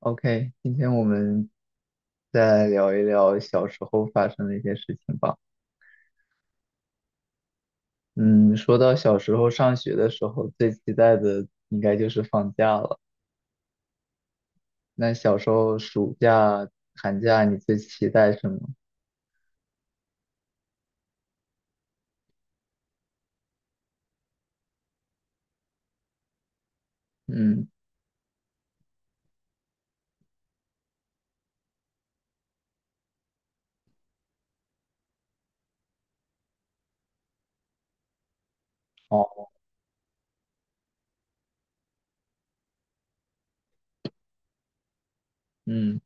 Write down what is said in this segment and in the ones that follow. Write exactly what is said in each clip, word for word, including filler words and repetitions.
OK，今天我们再聊一聊小时候发生的一些事情吧。嗯，说到小时候上学的时候，最期待的应该就是放假了。那小时候暑假、寒假，你最期待什么？嗯。哦。嗯。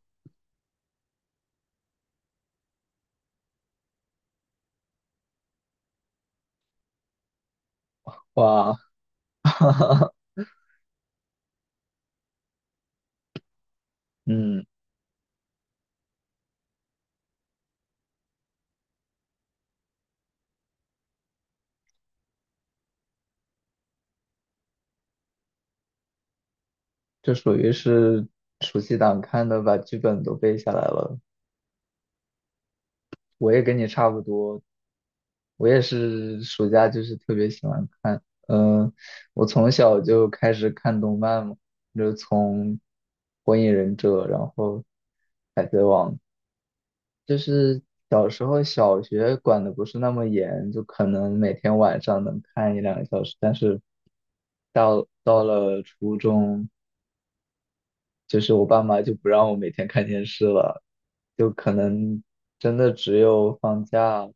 哇，哈哈。嗯。这属于是暑期档看的，把剧本都背下来了。我也跟你差不多，我也是暑假就是特别喜欢看，嗯、我从小就开始看动漫嘛，就从《火影忍者》，然后《海贼王》，就是小时候小学管的不是那么严，就可能每天晚上能看一两个小时，但是到到了初中，就是我爸妈就不让我每天看电视了，就可能真的只有放假。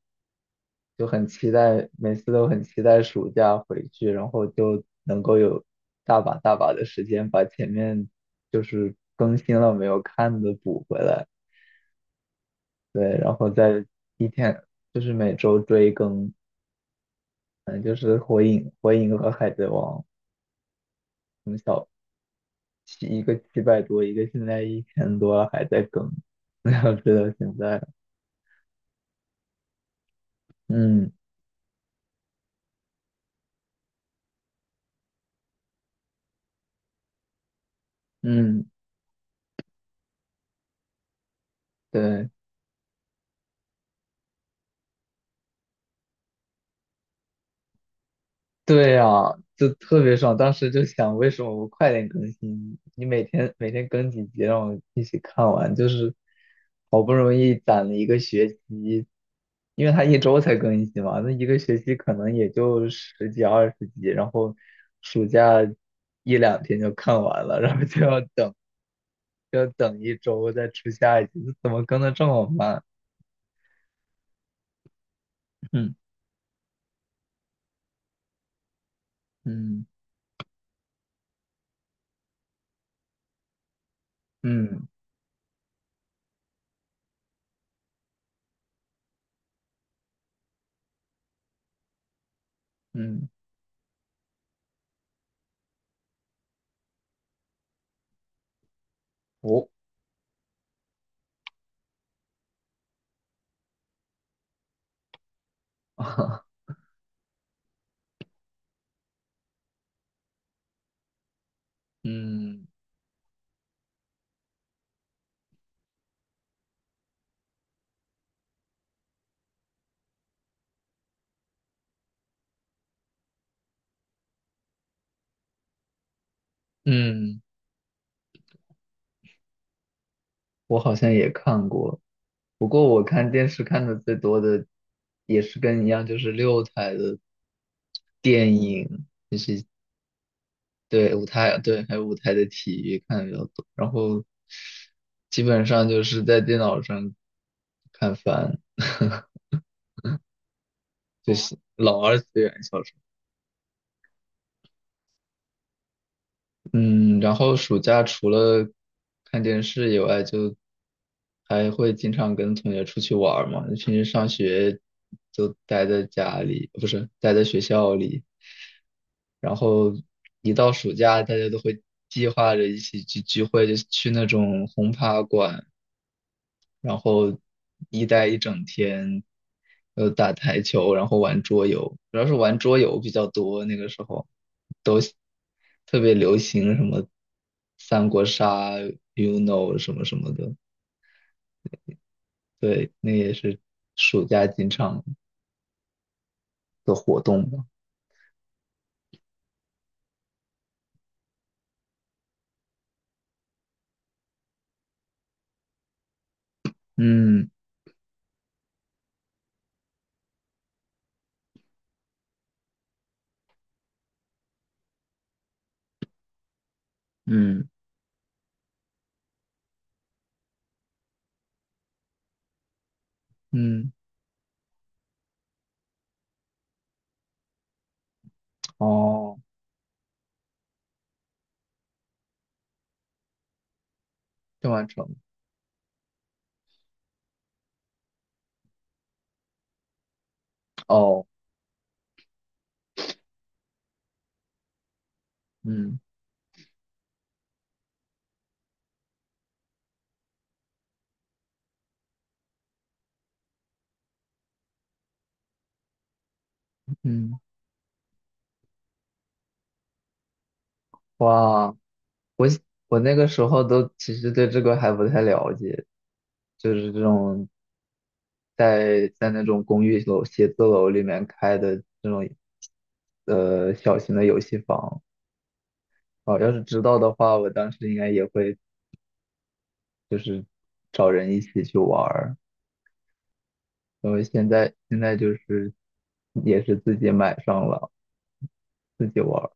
就很期待，每次都很期待暑假回去，然后就能够有大把大把的时间把前面就是更新了没有看的补回来。对，然后再一天就是每周追更。嗯，就是火影、火影和海贼王，七一个七百多，一个现在一千多了还在更，然后追到现在。嗯嗯。对。对呀，就特别爽。当时就想，为什么不快点更新？你每天每天更几集，让我一起看完，就是好不容易攒了一个学期，因为他一周才更新嘛，那一个学期可能也就十几二十集，然后暑假一两天就看完了，然后就要等，就要等一周再出下一集，这怎么更的这么慢？嗯嗯嗯嗯。哦，嗯嗯。我好像也看过，不过我看电视看的最多的也是跟你一样，就是六台的电影。对，舞台。对，还有舞台的体育看的比较多，然后基本上就是在电脑上看番。就哦是老二次元小说。嗯，然后暑假除了看电视以外，就还会经常跟同学出去玩儿嘛。平时上学就待在家里，不是待在学校里。然后一到暑假，大家都会计划着一起去聚会，就去那种轰趴馆，然后一待一整天，呃，打台球，然后玩桌游，主要是玩桌游比较多那个时候。特别流行什么三国杀、U N O 什么什么的。对，那也是暑假经常的活动吧。嗯嗯嗯。哦。郑万成。哦。嗯嗯。哇。我我那个时候都其实对这个还不太了解，就是这种在在那种公寓楼、写字楼里面开的这种呃小型的游戏房。哦，要是知道的话，我当时应该也会就是找人一起去玩儿。然后现在现在就是也是自己买上了，自己玩儿。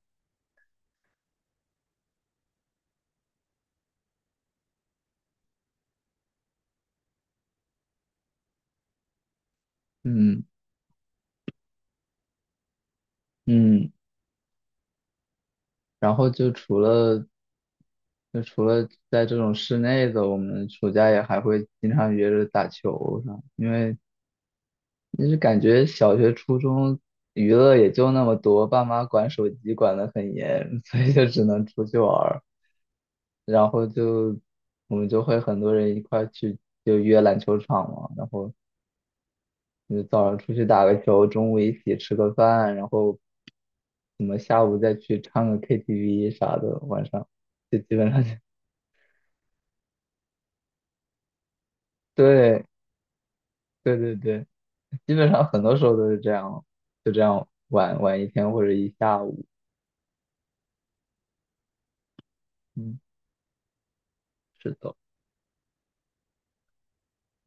嗯嗯。然后就除了就除了在这种室内的，我们暑假也还会经常约着打球啥，因为就是感觉小学、初中娱乐也就那么多，爸妈管手机管得很严，所以就只能出去玩儿。然后就我们就会很多人一块儿去就约篮球场嘛，然后你早上出去打个球，中午一起吃个饭，然后什么下午再去唱个 K T V 啥的，晚上就基本上就 对对对对，基本上很多时候都是这样，就这样玩玩一天或者一下午。嗯，是的。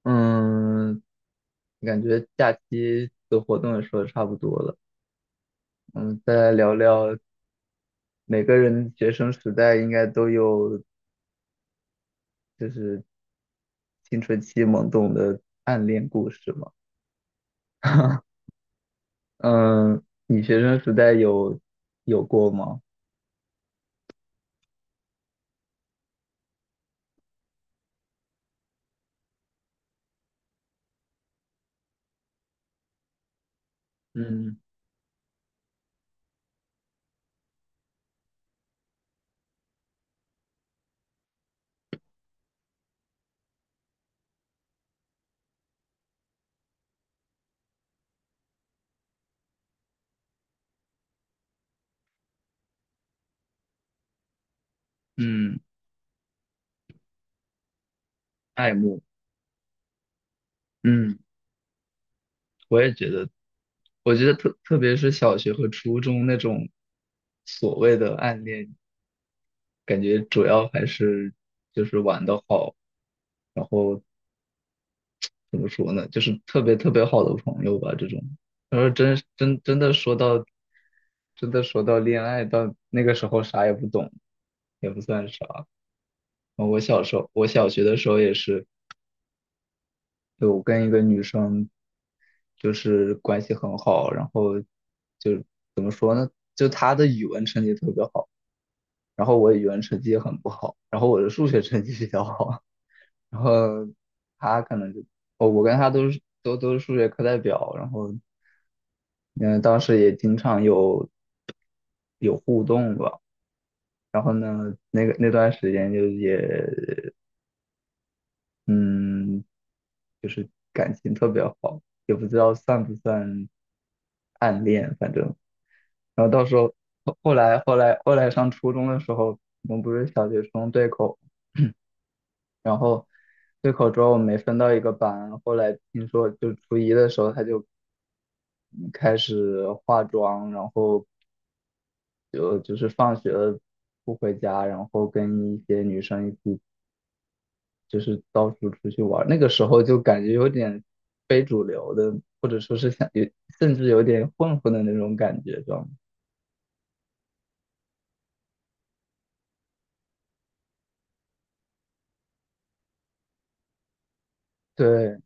嗯。感觉假期的活动也说的差不多了。嗯，再来聊聊每个人学生时代应该都有就是青春期懵懂的暗恋故事嘛。嗯，你学生时代有有过吗？嗯嗯。爱慕。嗯，我也觉得，我觉得特特别是小学和初中那种所谓的暗恋，感觉主要还是就是玩的好，怎么说呢，就是特别特别好的朋友吧，这种。然后真真真的说到，真的说到恋爱，到那个时候啥也不懂，也不算啥。我小时候，我小学的时候也是。就我跟一个女生就是关系很好，然后就怎么说呢？就她的语文成绩特别好，然后我语文成绩也很不好，然后我的数学成绩比较好，然后她可能就我我跟她都是都都是数学课代表，然后嗯当时也经常有有互动吧，然后呢那个那段时间就也嗯。就是感情特别好，也不知道算不算暗恋，反正，然后到时候后后来后来后来上初中的时候，我们不是小学生对口，然后对口之后我们没分到一个班，后来听说就初一的时候他就开始化妆，然后就就是放学了不回家，然后跟一些女生一起。就是到处出去玩儿那个时候就感觉有点非主流的，或者说是像有，甚至有点混混的那种感觉，知道吗？对。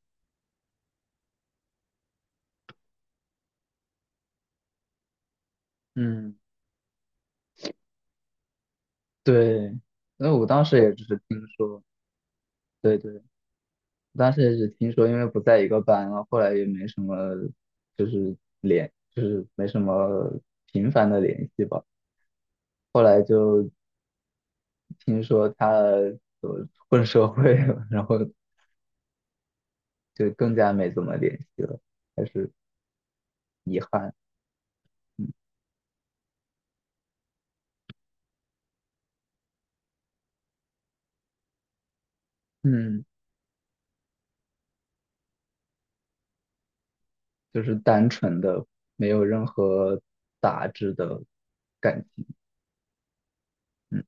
嗯。对。那我当时也只是听说。对对，我当时也只听说，因为不在一个班了，后来也没什么，就是联，就是没什么频繁的联系吧。后来就听说他呃混社会了，然后就更加没怎么联系了，还是遗憾。嗯。就是单纯的，没有任何杂质的感情。嗯。